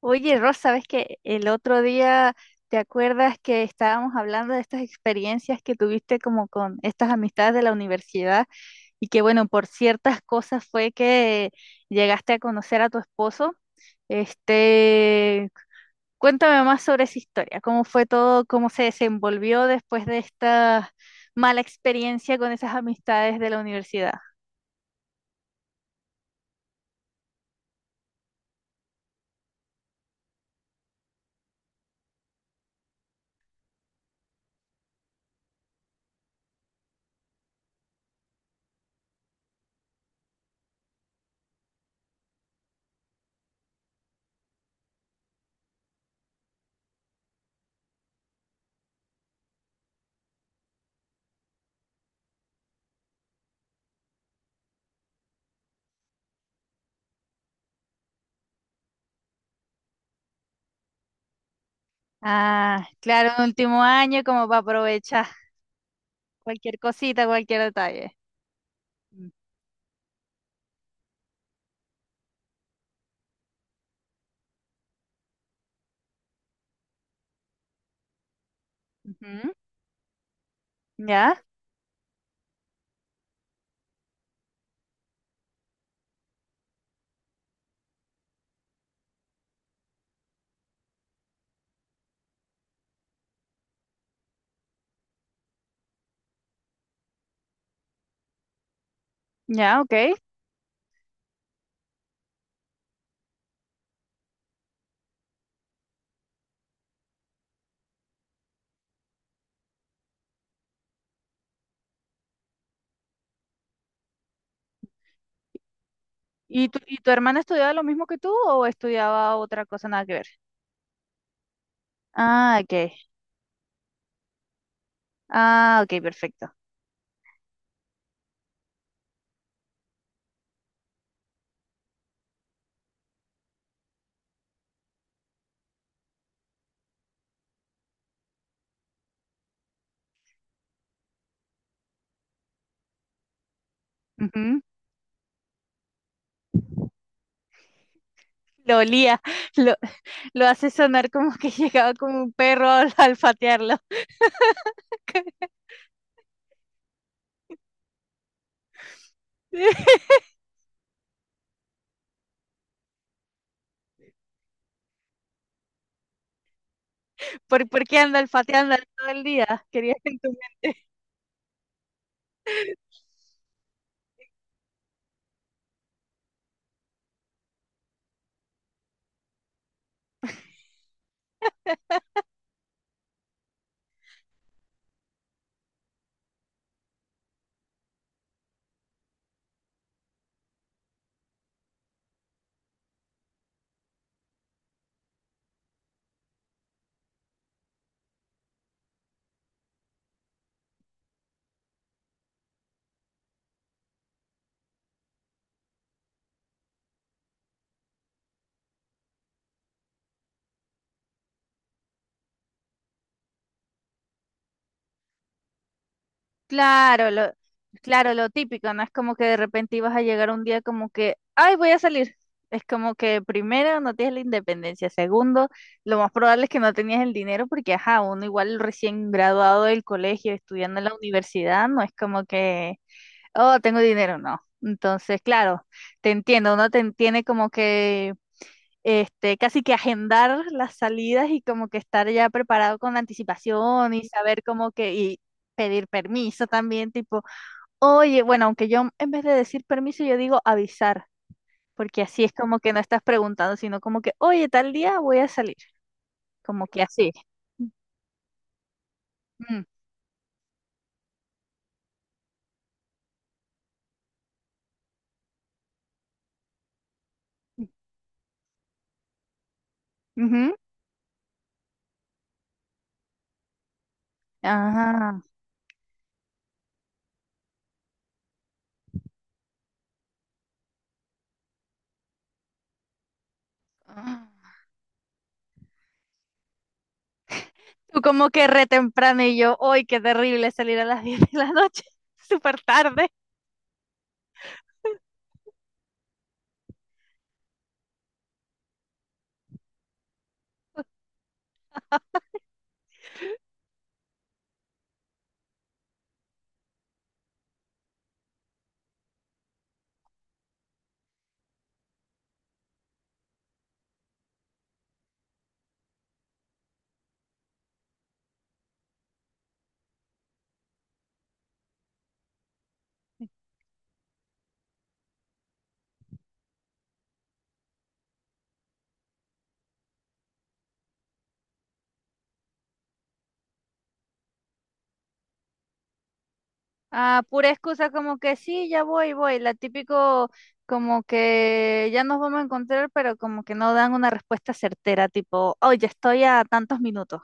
Oye, Rosa, ¿sabes que el otro día te acuerdas que estábamos hablando de estas experiencias que tuviste como con estas amistades de la universidad y que bueno, por ciertas cosas fue que llegaste a conocer a tu esposo? Este, Cuéntame más sobre esa historia, cómo fue todo, cómo se desenvolvió después de esta mala experiencia con esas amistades de la universidad. Ah, claro, en último año como para aprovechar cualquier cosita, cualquier detalle. Mm. Ujú. Ya, ya, ok. ¿Y tu hermana estudiaba lo mismo que tú o estudiaba otra cosa nada que ver? Ah, ok. Ah, ok, perfecto. Ujú. Lo olía, lo, lo hace sonar como que llegaba como un perro al alfatearlo. ¿Por qué anda olfateando todo el día? Quería. Claro, lo, claro, lo típico, no es como que de repente ibas a llegar un día como que, ay, voy a salir. Es como que primero no tienes la independencia, segundo, lo más probable es que no tenías el dinero porque, ajá, uno igual recién graduado del colegio, estudiando en la universidad, no es como que, oh, tengo dinero, no. Entonces, claro, te entiendo, uno tiene como que casi que agendar las salidas y como que estar ya preparado con anticipación y saber como que, y pedir permiso también, tipo, oye, bueno, aunque yo en vez de decir permiso, yo digo avisar, porque así es como que no estás preguntando, sino como que, oye, tal día voy a salir, como que así. Ujú, ujú, ajá. Ah. Tú como que re temprano y yo, hoy qué terrible salir a las 10 de la noche, súper tarde. Ah, pura excusa como que sí, ya voy, voy. La típico como que ya nos vamos a encontrar, pero como que no dan una respuesta certera, tipo, oh, ya estoy a tantos minutos.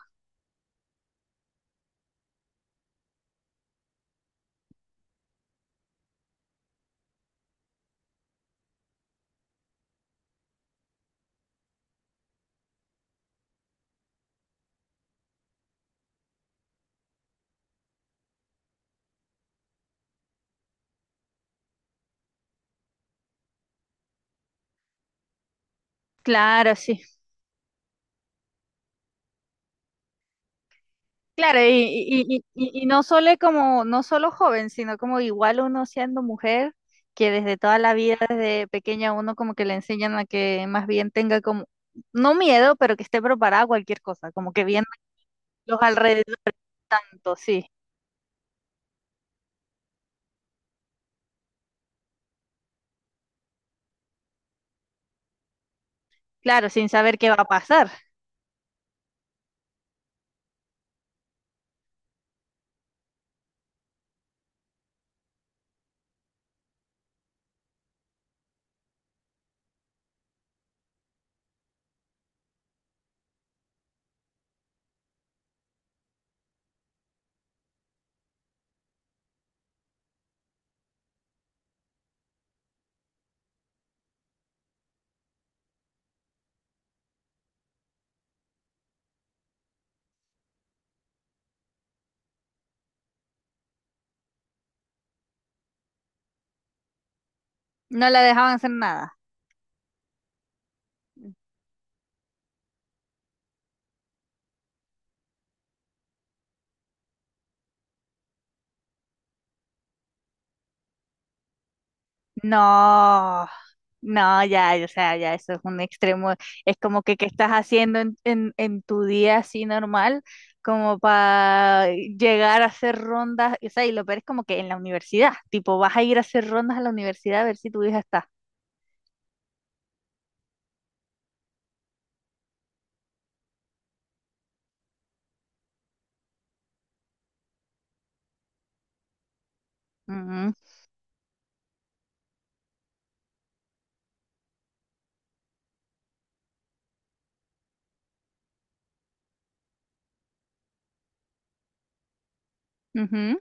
Claro, sí. Claro, y no solo como, no solo joven, sino como igual uno siendo mujer, que desde toda la vida, desde pequeña, uno como que le enseñan a que más bien tenga como, no miedo, pero que esté preparada a cualquier cosa, como que viendo los alrededores tanto, sí. Claro, sin saber qué va a pasar. No la dejaban hacer nada. No, no, ya, o sea, ya eso es un extremo. Es como que qué estás haciendo en, en tu día así normal, como para llegar a hacer rondas. O sea, y lo peor es como que en la universidad, tipo, vas a ir a hacer rondas a la universidad a ver si tu hija está. Ujú, ujú.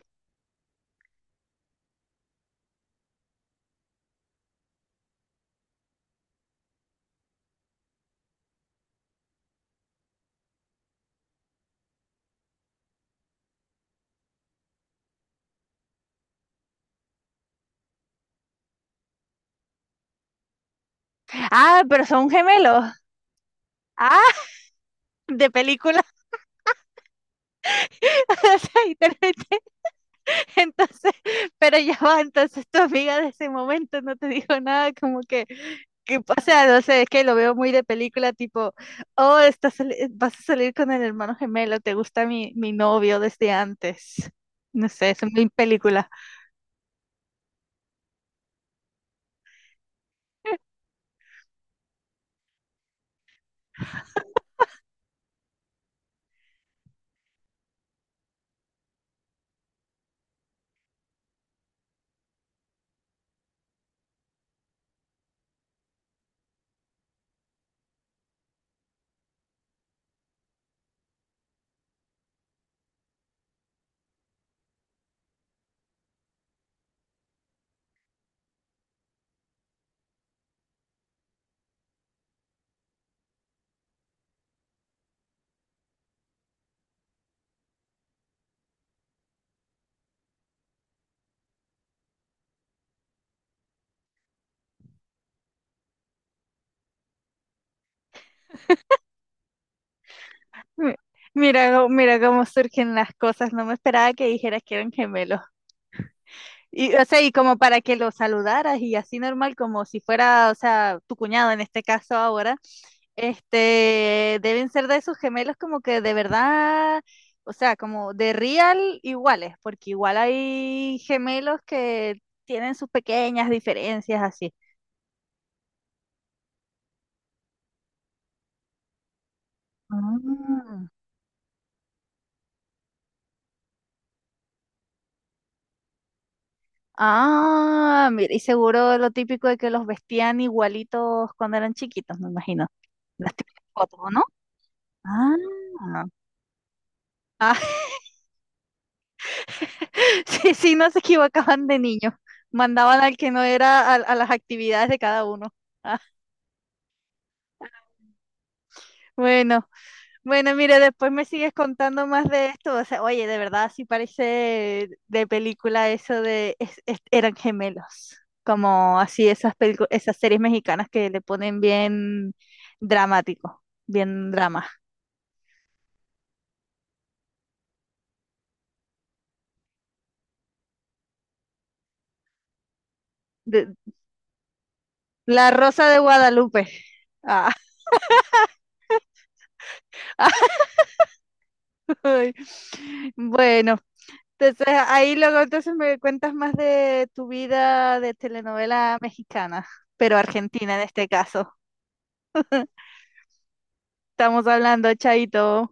Ah, pero son gemelos. Ah, de película. O sea, y terminan Entonces, pero ya va, entonces tu amiga de ese momento no te dijo nada, como que, o sea, no sé, es que lo veo muy de película, tipo, oh, estás, vas a salir con el hermano gemelo, te gusta mi novio desde antes. No sé, es muy película. Mi- mira cómo surgen las cosas. No me esperaba que dijeras que eran gemelos. Y, o sea, y como para que lo saludaras y así normal, como si fuera, o sea, tu cuñado en este caso ahora. Deben ser de esos gemelos como que de verdad, o sea, como de real iguales, porque igual hay gemelos que tienen sus pequeñas diferencias así. Ah, ah, mira, y seguro lo típico de que los vestían igualitos cuando eran chiquitos, me imagino. Las típicas fotos, ¿no? Ah, ah, sí, sí, no se equivocaban de niño. Mandaban al que no era a las actividades de cada uno. Ah, bueno. Bueno, mire, después me sigues contando más de esto. O sea, oye, de verdad, sí parece de película eso de eran gemelos. Como así esas esas series mexicanas que le ponen bien dramático, bien drama. De- La Rosa de Guadalupe. Ah, ay. Bueno, entonces ahí luego entonces me cuentas más de tu vida de telenovela mexicana, pero argentina en este caso. Estamos hablando, chaito.